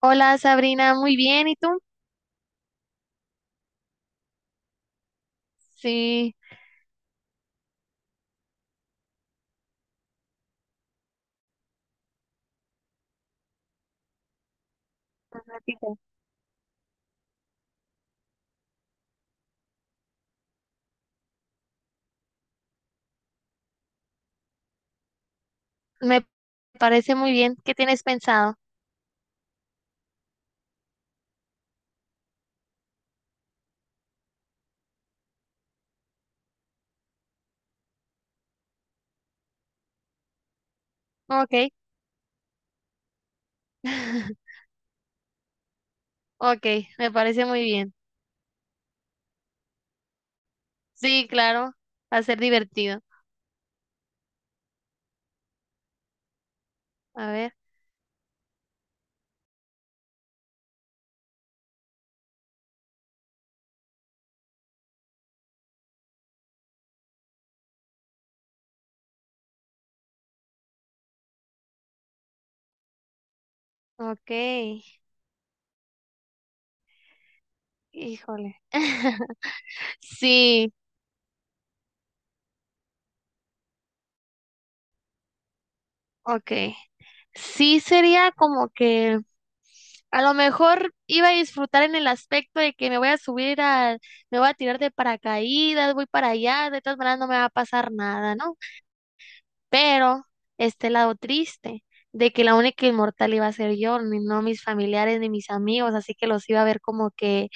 Hola Sabrina, muy bien, ¿y tú? Sí, ratito. Me parece muy bien. ¿Qué tienes pensado? Ok. Ok, me parece muy bien. Sí, claro, va a ser divertido. A ver, ok, híjole. Sí, ok. Sí, sería como que a lo mejor iba a disfrutar en el aspecto de que me voy a subir al, me voy a tirar de paracaídas, voy para allá, de todas maneras no me va a pasar nada, ¿no? Pero este lado triste de que la única inmortal iba a ser yo, ni no mis familiares ni mis amigos, así que los iba a ver como que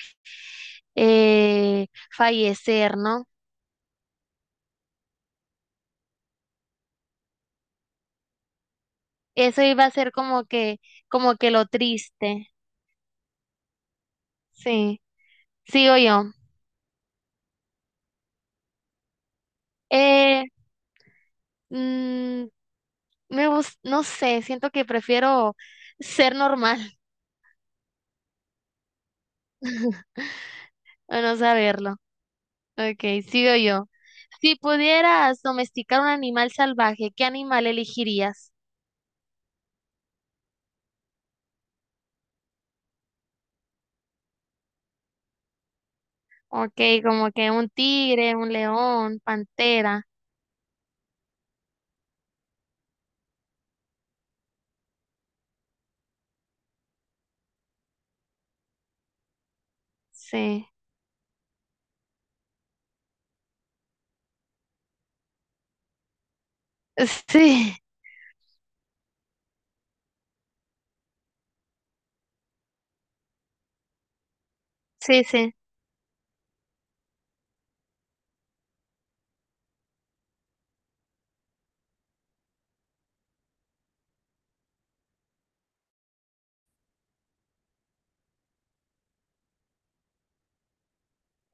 eh, fallecer, ¿no? Eso iba a ser como que lo triste. Sí, sigo yo. Eh, mm, me gus- no sé, siento que prefiero ser normal a no saberlo. Ok, sigo yo. Si pudieras domesticar un animal salvaje, ¿qué animal elegirías? Ok, como que un tigre, un león, pantera. Sí. Sí, sí, sí,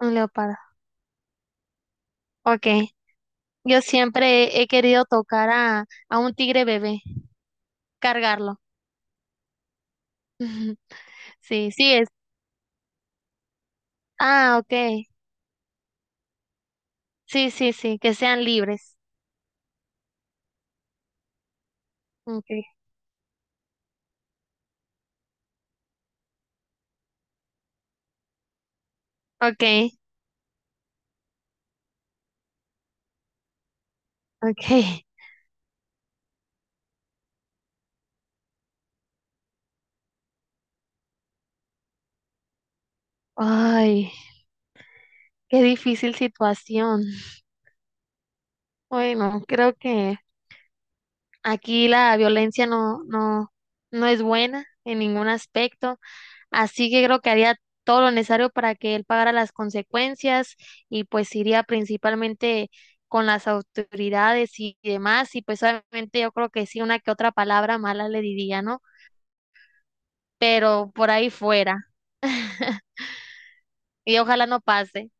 un leopardo. Ok. Yo siempre he querido tocar a un tigre bebé, cargarlo. Sí, sí es. Ah, ok. Sí, sí, sí, que sean libres. Ok, okay, okay. Ay, qué difícil situación. Bueno, creo que aquí la violencia no, no, no es buena en ningún aspecto. Así que creo que haría todo lo necesario para que él pagara las consecuencias y pues iría principalmente con las autoridades y demás y pues obviamente yo creo que sí una que otra palabra mala le diría, ¿no? Pero por ahí fuera. Y ojalá no pase.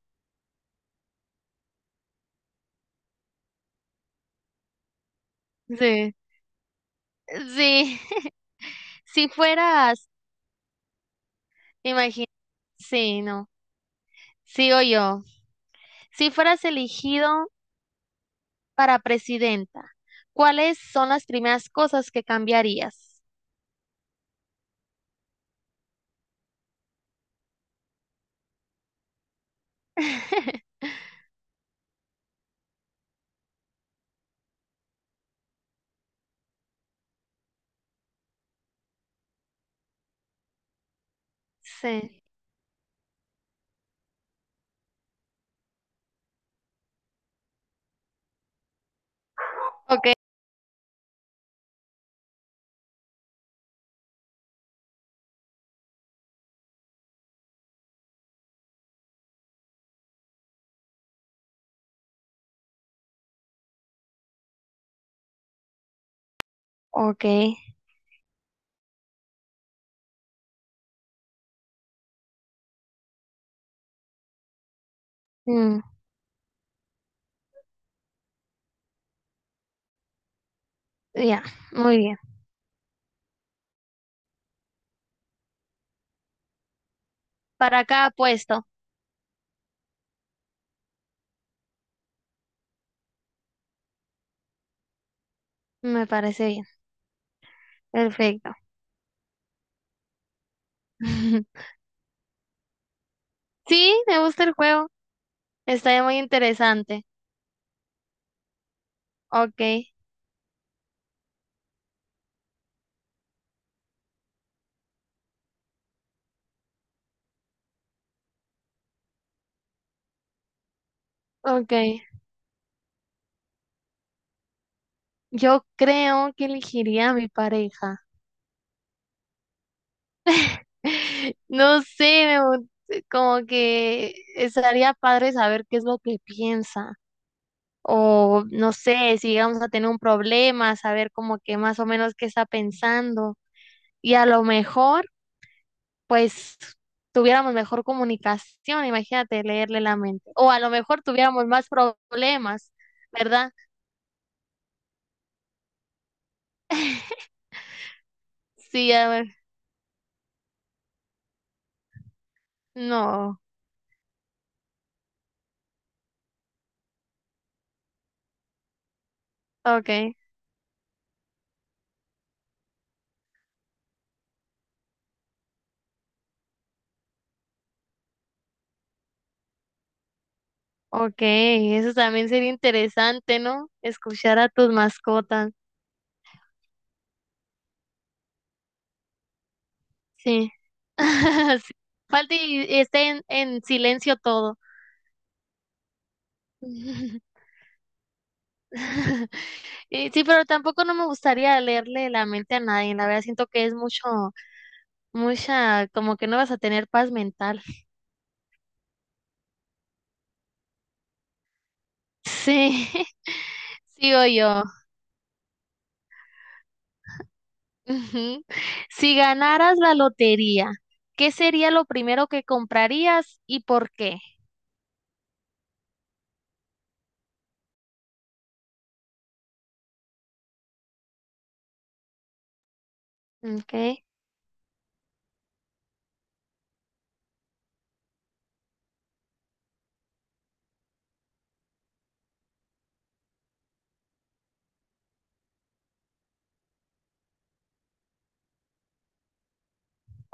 Sí. Sí. Si fueras, imagínate, sí, no. Sigo yo. Si fueras elegido para presidenta, ¿cuáles son las primeras cosas que cambiarías? Sí. Ok. Ok. Mm, ya, muy bien. Para cada puesto, me parece bien. Perfecto. Sí, me gusta el juego. Está muy interesante. Ok, ok. Yo creo que elegiría a mi pareja. No sé, me gu- como que estaría padre saber qué es lo que piensa. O no sé, si vamos a tener un problema, saber como que más o menos qué está pensando. Y a lo mejor pues tuviéramos mejor comunicación, imagínate leerle la mente. O a lo mejor tuviéramos más problemas, ¿verdad? Sí, a ver, no, ok, ok, eso también sería interesante, ¿no? Escuchar a tus mascotas, sí. Sí. Falta y esté en silencio todo. Y sí, pero tampoco no me gustaría leerle la mente a nadie, la verdad siento que es mucho, mucha, como que no vas a tener paz mental. Sí, sigo yo. Ujú. Si ganaras la lotería, ¿qué sería lo primero que comprarías y por qué? Okay,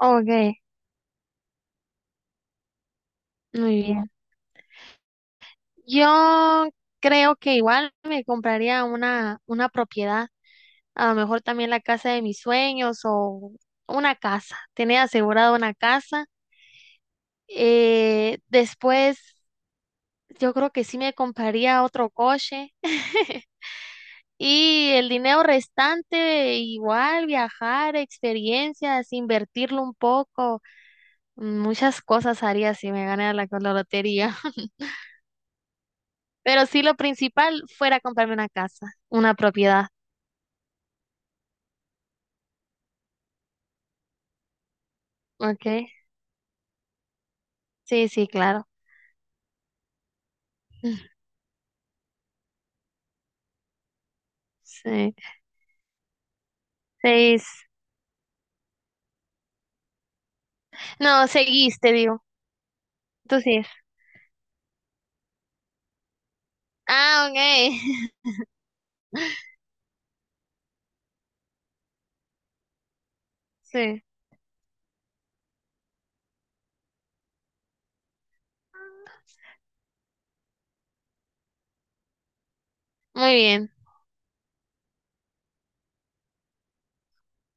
okay, muy bien. Yo creo que igual me compraría una propiedad, a lo mejor también la casa de mis sueños o una casa, tener asegurada una casa. Después, yo creo que sí me compraría otro coche. Y el dinero restante, igual viajar, experiencias, invertirlo un poco, muchas cosas haría si me ganara la, la lotería. Pero sí, lo principal fuera comprarme una casa, una propiedad. ¿Ok? Sí, sí, claro. Sí, 6. No, seguiste, digo. Tú sí. Ah, ok. Sí, muy bien.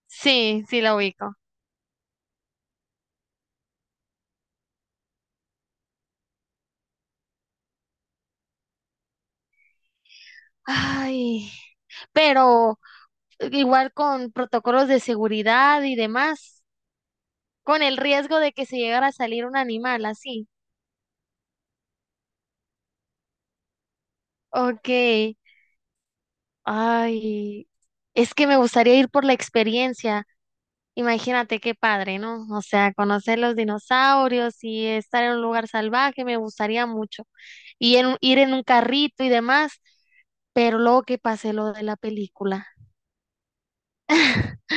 Sí, sí la ubico. Ay, pero igual con protocolos de seguridad y demás. Con el riesgo de que se llegara a salir un animal así. Ok. Ay, es que me gustaría ir por la experiencia. Imagínate qué padre, ¿no? O sea, conocer los dinosaurios y estar en un lugar salvaje, me gustaría mucho. Y en un- ir en un carrito y demás, pero luego que pase lo de la película.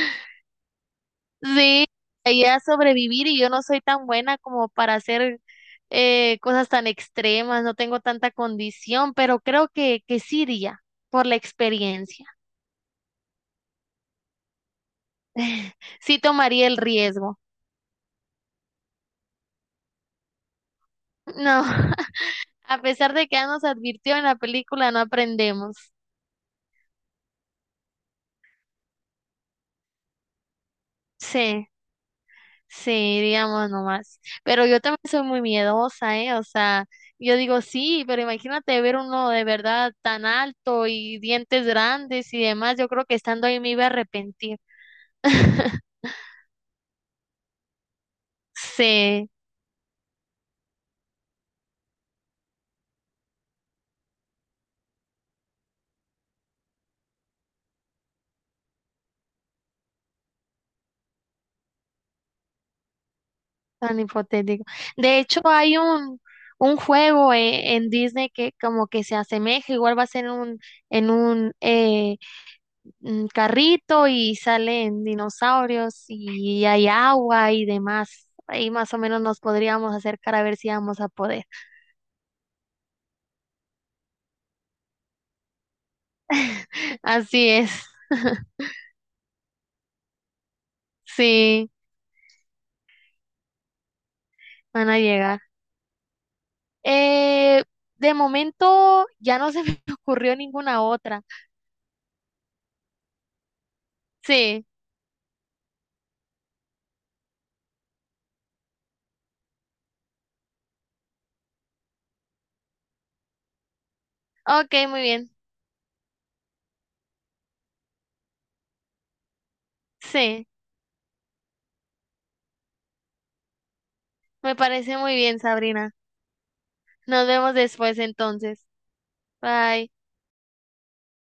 Sí, ella a sobrevivir y yo no soy tan buena como para hacer cosas tan extremas, no tengo tanta condición, pero creo que sí iría por la experiencia. Sí tomaría el riesgo. No, a pesar de que ya nos advirtió en la película, no aprendemos. Sí. Sí, digamos nomás. Pero yo también soy muy miedosa, ¿eh? O sea, yo digo sí, pero imagínate ver uno de verdad tan alto y dientes grandes y demás. Yo creo que estando ahí me iba a arrepentir. Sí, tan hipotético. De hecho, hay un juego en Disney que como que se asemeja, igual va a ser un, en un carrito y salen dinosaurios y hay agua y demás. Ahí más o menos nos podríamos acercar a ver si vamos a poder. Así es, sí, van a llegar. Eh, de momento ya no se me ocurrió ninguna otra. Sí, ok, muy bien. Sí, me parece muy bien, Sabrina. Nos vemos después entonces. Bye.